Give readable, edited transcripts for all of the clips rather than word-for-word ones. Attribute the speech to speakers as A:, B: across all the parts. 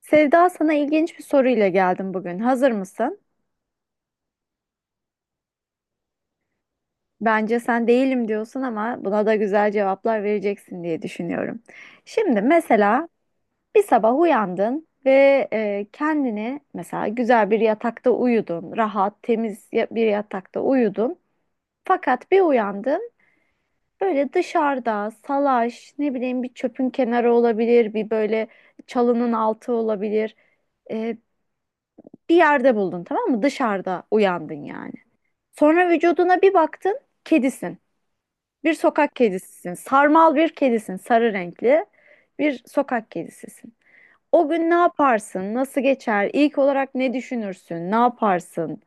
A: Sevda, sana ilginç bir soruyla geldim bugün. Hazır mısın? Bence sen değilim diyorsun ama buna da güzel cevaplar vereceksin diye düşünüyorum. Şimdi mesela bir sabah uyandın ve kendini mesela güzel bir yatakta uyudun, rahat, temiz bir yatakta uyudun. Fakat bir uyandın böyle dışarıda salaş, ne bileyim bir çöpün kenarı olabilir, bir böyle çalının altı olabilir. E, bir yerde buldun, tamam mı? Dışarıda uyandın yani. Sonra vücuduna bir baktın, kedisin. Bir sokak kedisisin. Sarmal bir kedisin, sarı renkli bir sokak kedisisin. O gün ne yaparsın? Nasıl geçer? İlk olarak ne düşünürsün? Ne yaparsın?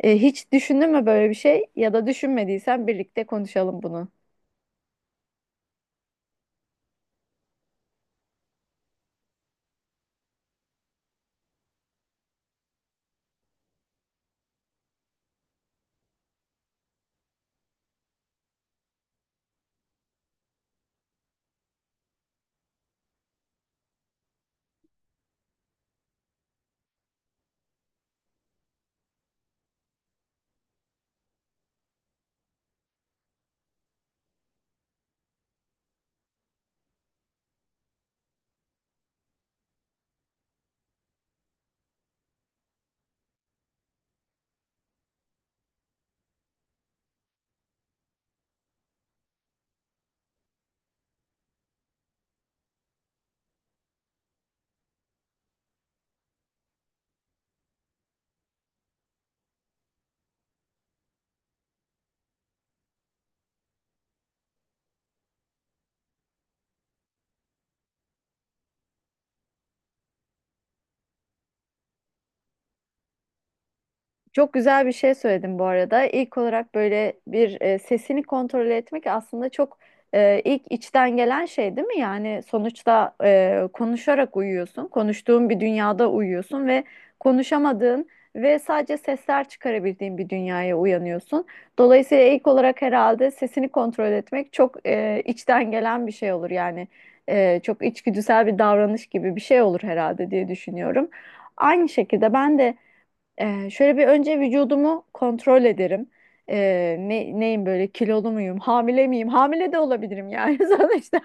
A: Hiç düşündün mü böyle bir şey? Ya da düşünmediysen birlikte konuşalım bunu. Çok güzel bir şey söyledin bu arada. İlk olarak böyle bir sesini kontrol etmek aslında çok ilk içten gelen şey değil mi? Yani sonuçta konuşarak uyuyorsun, konuştuğun bir dünyada uyuyorsun ve konuşamadığın ve sadece sesler çıkarabildiğin bir dünyaya uyanıyorsun. Dolayısıyla ilk olarak herhalde sesini kontrol etmek çok içten gelen bir şey olur yani. Çok içgüdüsel bir davranış gibi bir şey olur herhalde diye düşünüyorum. Aynı şekilde ben de şöyle bir önce vücudumu kontrol ederim. Neyim böyle, kilolu muyum, hamile miyim? Hamile de olabilirim yani sonuçta.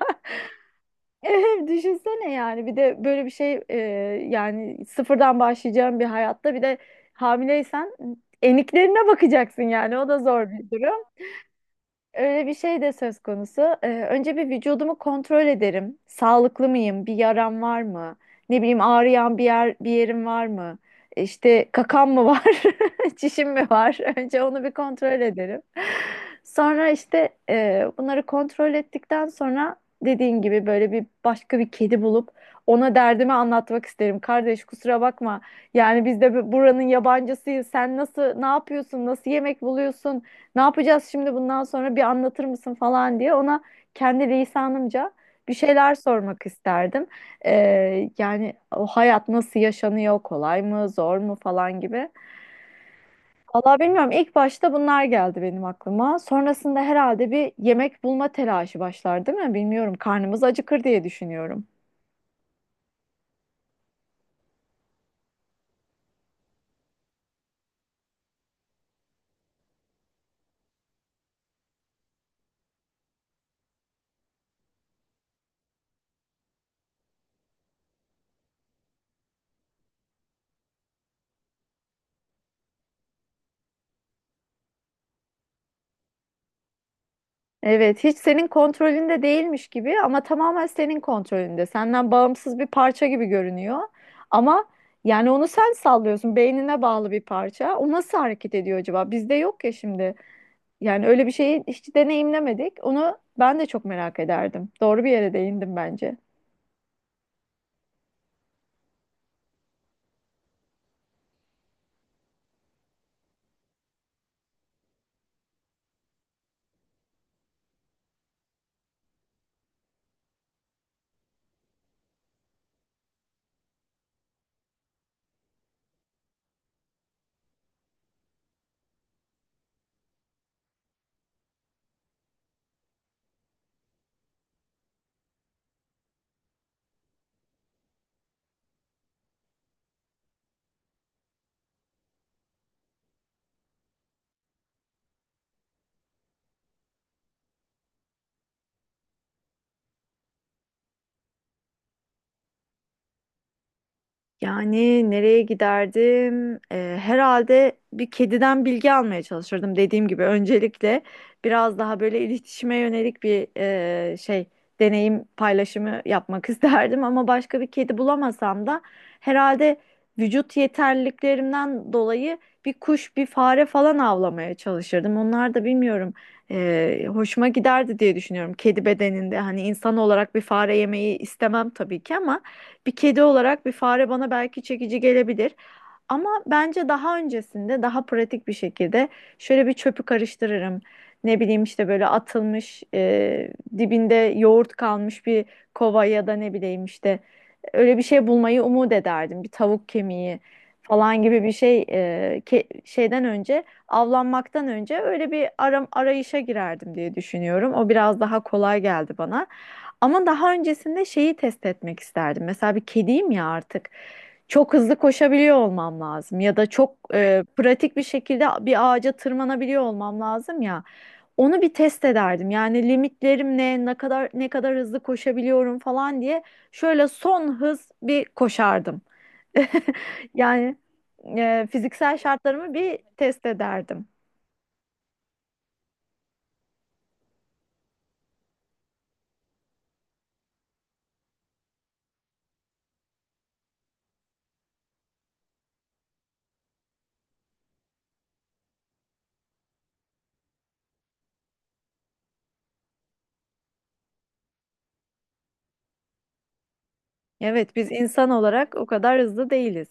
A: Evet, düşünsene yani bir de böyle bir şey yani sıfırdan başlayacağım bir hayatta bir de hamileysen eniklerine bakacaksın, yani o da zor bir durum. Öyle bir şey de söz konusu. Önce bir vücudumu kontrol ederim. Sağlıklı mıyım? Bir yaram var mı? Ne bileyim, ağrıyan bir yer bir yerim var mı? İşte kakan mı var? Çişim mi var? Önce onu bir kontrol ederim. Sonra işte bunları kontrol ettikten sonra dediğin gibi böyle bir başka bir kedi bulup ona derdimi anlatmak isterim. Kardeş, kusura bakma. Yani biz de buranın yabancısıyız. Sen nasıl, ne yapıyorsun? Nasıl yemek buluyorsun? Ne yapacağız şimdi bundan sonra, bir anlatır mısın falan diye ona kendi lisanımca bir şeyler sormak isterdim. Yani o hayat nasıl yaşanıyor, kolay mı, zor mu falan gibi. Vallahi bilmiyorum. İlk başta bunlar geldi benim aklıma. Sonrasında herhalde bir yemek bulma telaşı başlar, değil mi? Bilmiyorum. Karnımız acıkır diye düşünüyorum. Evet, hiç senin kontrolünde değilmiş gibi ama tamamen senin kontrolünde. Senden bağımsız bir parça gibi görünüyor. Ama yani onu sen sallıyorsun. Beynine bağlı bir parça. O nasıl hareket ediyor acaba? Bizde yok ya şimdi. Yani öyle bir şeyi hiç deneyimlemedik. Onu ben de çok merak ederdim. Doğru bir yere değindim bence. Yani nereye giderdim? Herhalde bir kediden bilgi almaya çalışırdım. Dediğim gibi öncelikle biraz daha böyle iletişime yönelik bir e, şey deneyim paylaşımı yapmak isterdim. Ama başka bir kedi bulamasam da herhalde vücut yeterliliklerimden dolayı bir kuş, bir fare falan avlamaya çalışırdım. Onlar da bilmiyorum, hoşuma giderdi diye düşünüyorum. Kedi bedeninde hani insan olarak bir fare yemeyi istemem tabii ki ama bir kedi olarak bir fare bana belki çekici gelebilir. Ama bence daha öncesinde daha pratik bir şekilde şöyle bir çöpü karıştırırım. Ne bileyim işte böyle atılmış dibinde yoğurt kalmış bir kova ya da ne bileyim işte öyle bir şey bulmayı umut ederdim. Bir tavuk kemiği falan gibi bir şey şeyden önce, avlanmaktan önce öyle bir arayışa girerdim diye düşünüyorum. O biraz daha kolay geldi bana. Ama daha öncesinde şeyi test etmek isterdim. Mesela bir kediyim ya artık, çok hızlı koşabiliyor olmam lazım ya da çok pratik bir şekilde bir ağaca tırmanabiliyor olmam lazım ya. Onu bir test ederdim. Yani limitlerim ne, ne kadar hızlı koşabiliyorum falan diye şöyle son hız bir koşardım. Yani fiziksel şartlarımı bir test ederdim. Evet, biz insan olarak o kadar hızlı değiliz.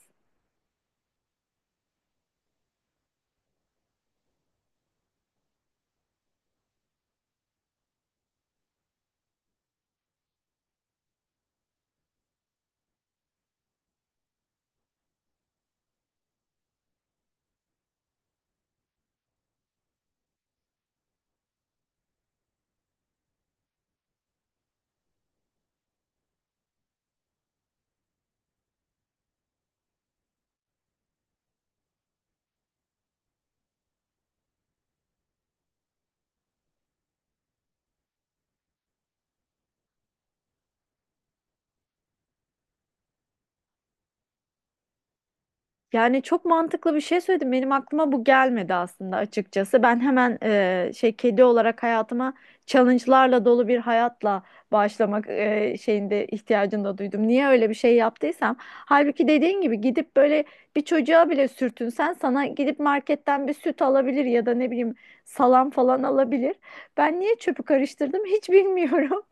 A: Yani çok mantıklı bir şey söyledim. Benim aklıma bu gelmedi aslında açıkçası. Ben hemen kedi olarak hayatıma challenge'larla dolu bir hayatla başlamak şeyinde ihtiyacını da duydum. Niye öyle bir şey yaptıysam. Halbuki dediğin gibi gidip böyle bir çocuğa bile sürtünsen sana gidip marketten bir süt alabilir ya da ne bileyim salam falan alabilir. Ben niye çöpü karıştırdım hiç bilmiyorum.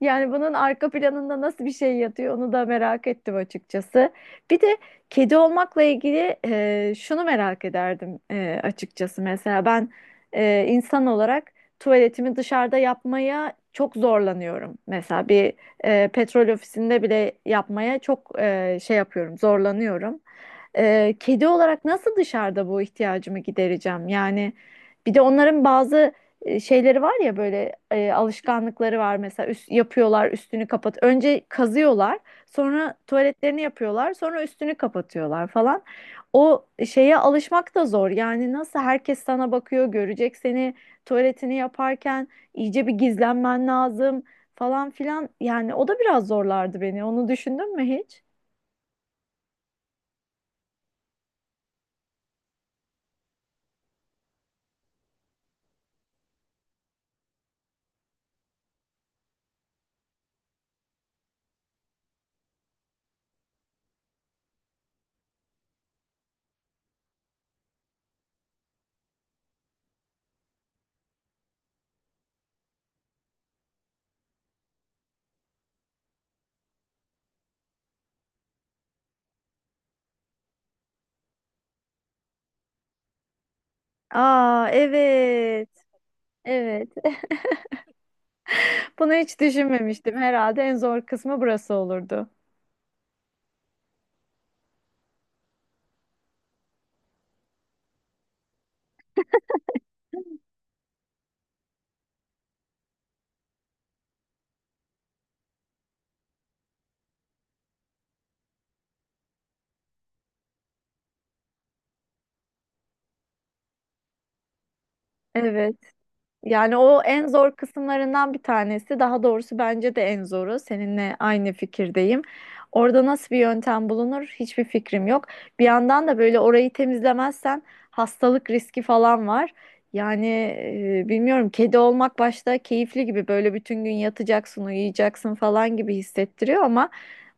A: Yani bunun arka planında nasıl bir şey yatıyor onu da merak ettim açıkçası. Bir de kedi olmakla ilgili şunu merak ederdim açıkçası. Mesela ben insan olarak tuvaletimi dışarıda yapmaya çok zorlanıyorum. Mesela bir petrol ofisinde bile yapmaya çok zorlanıyorum. Kedi olarak nasıl dışarıda bu ihtiyacımı gidereceğim? Yani bir de onların bazı şeyleri var ya, böyle alışkanlıkları var. Mesela yapıyorlar, üstünü kapat. Önce kazıyorlar. Sonra tuvaletlerini yapıyorlar. Sonra üstünü kapatıyorlar falan. O şeye alışmak da zor. Yani nasıl, herkes sana bakıyor, görecek seni tuvaletini yaparken, iyice bir gizlenmen lazım falan filan. Yani o da biraz zorlardı beni. Onu düşündün mü hiç? Aa, evet. Evet. Bunu hiç düşünmemiştim. Herhalde en zor kısmı burası olurdu. Evet. Yani o en zor kısımlarından bir tanesi. Daha doğrusu bence de en zoru. Seninle aynı fikirdeyim. Orada nasıl bir yöntem bulunur hiçbir fikrim yok. Bir yandan da böyle orayı temizlemezsen hastalık riski falan var. Yani bilmiyorum, kedi olmak başta keyifli gibi, böyle bütün gün yatacaksın, uyuyacaksın falan gibi hissettiriyor ama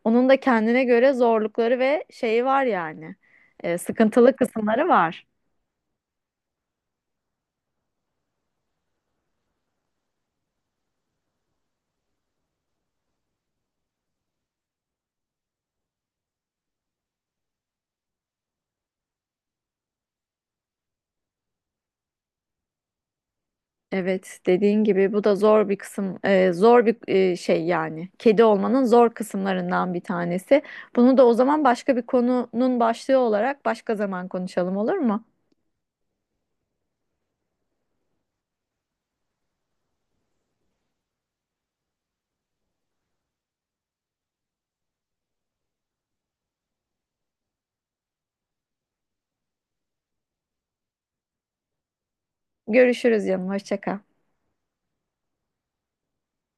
A: onun da kendine göre zorlukları ve şeyi var yani. Sıkıntılı kısımları var. Evet, dediğin gibi bu da zor bir kısım, şey yani. Kedi olmanın zor kısımlarından bir tanesi. Bunu da o zaman başka bir konunun başlığı olarak başka zaman konuşalım, olur mu? Görüşürüz canım, hoşça kal.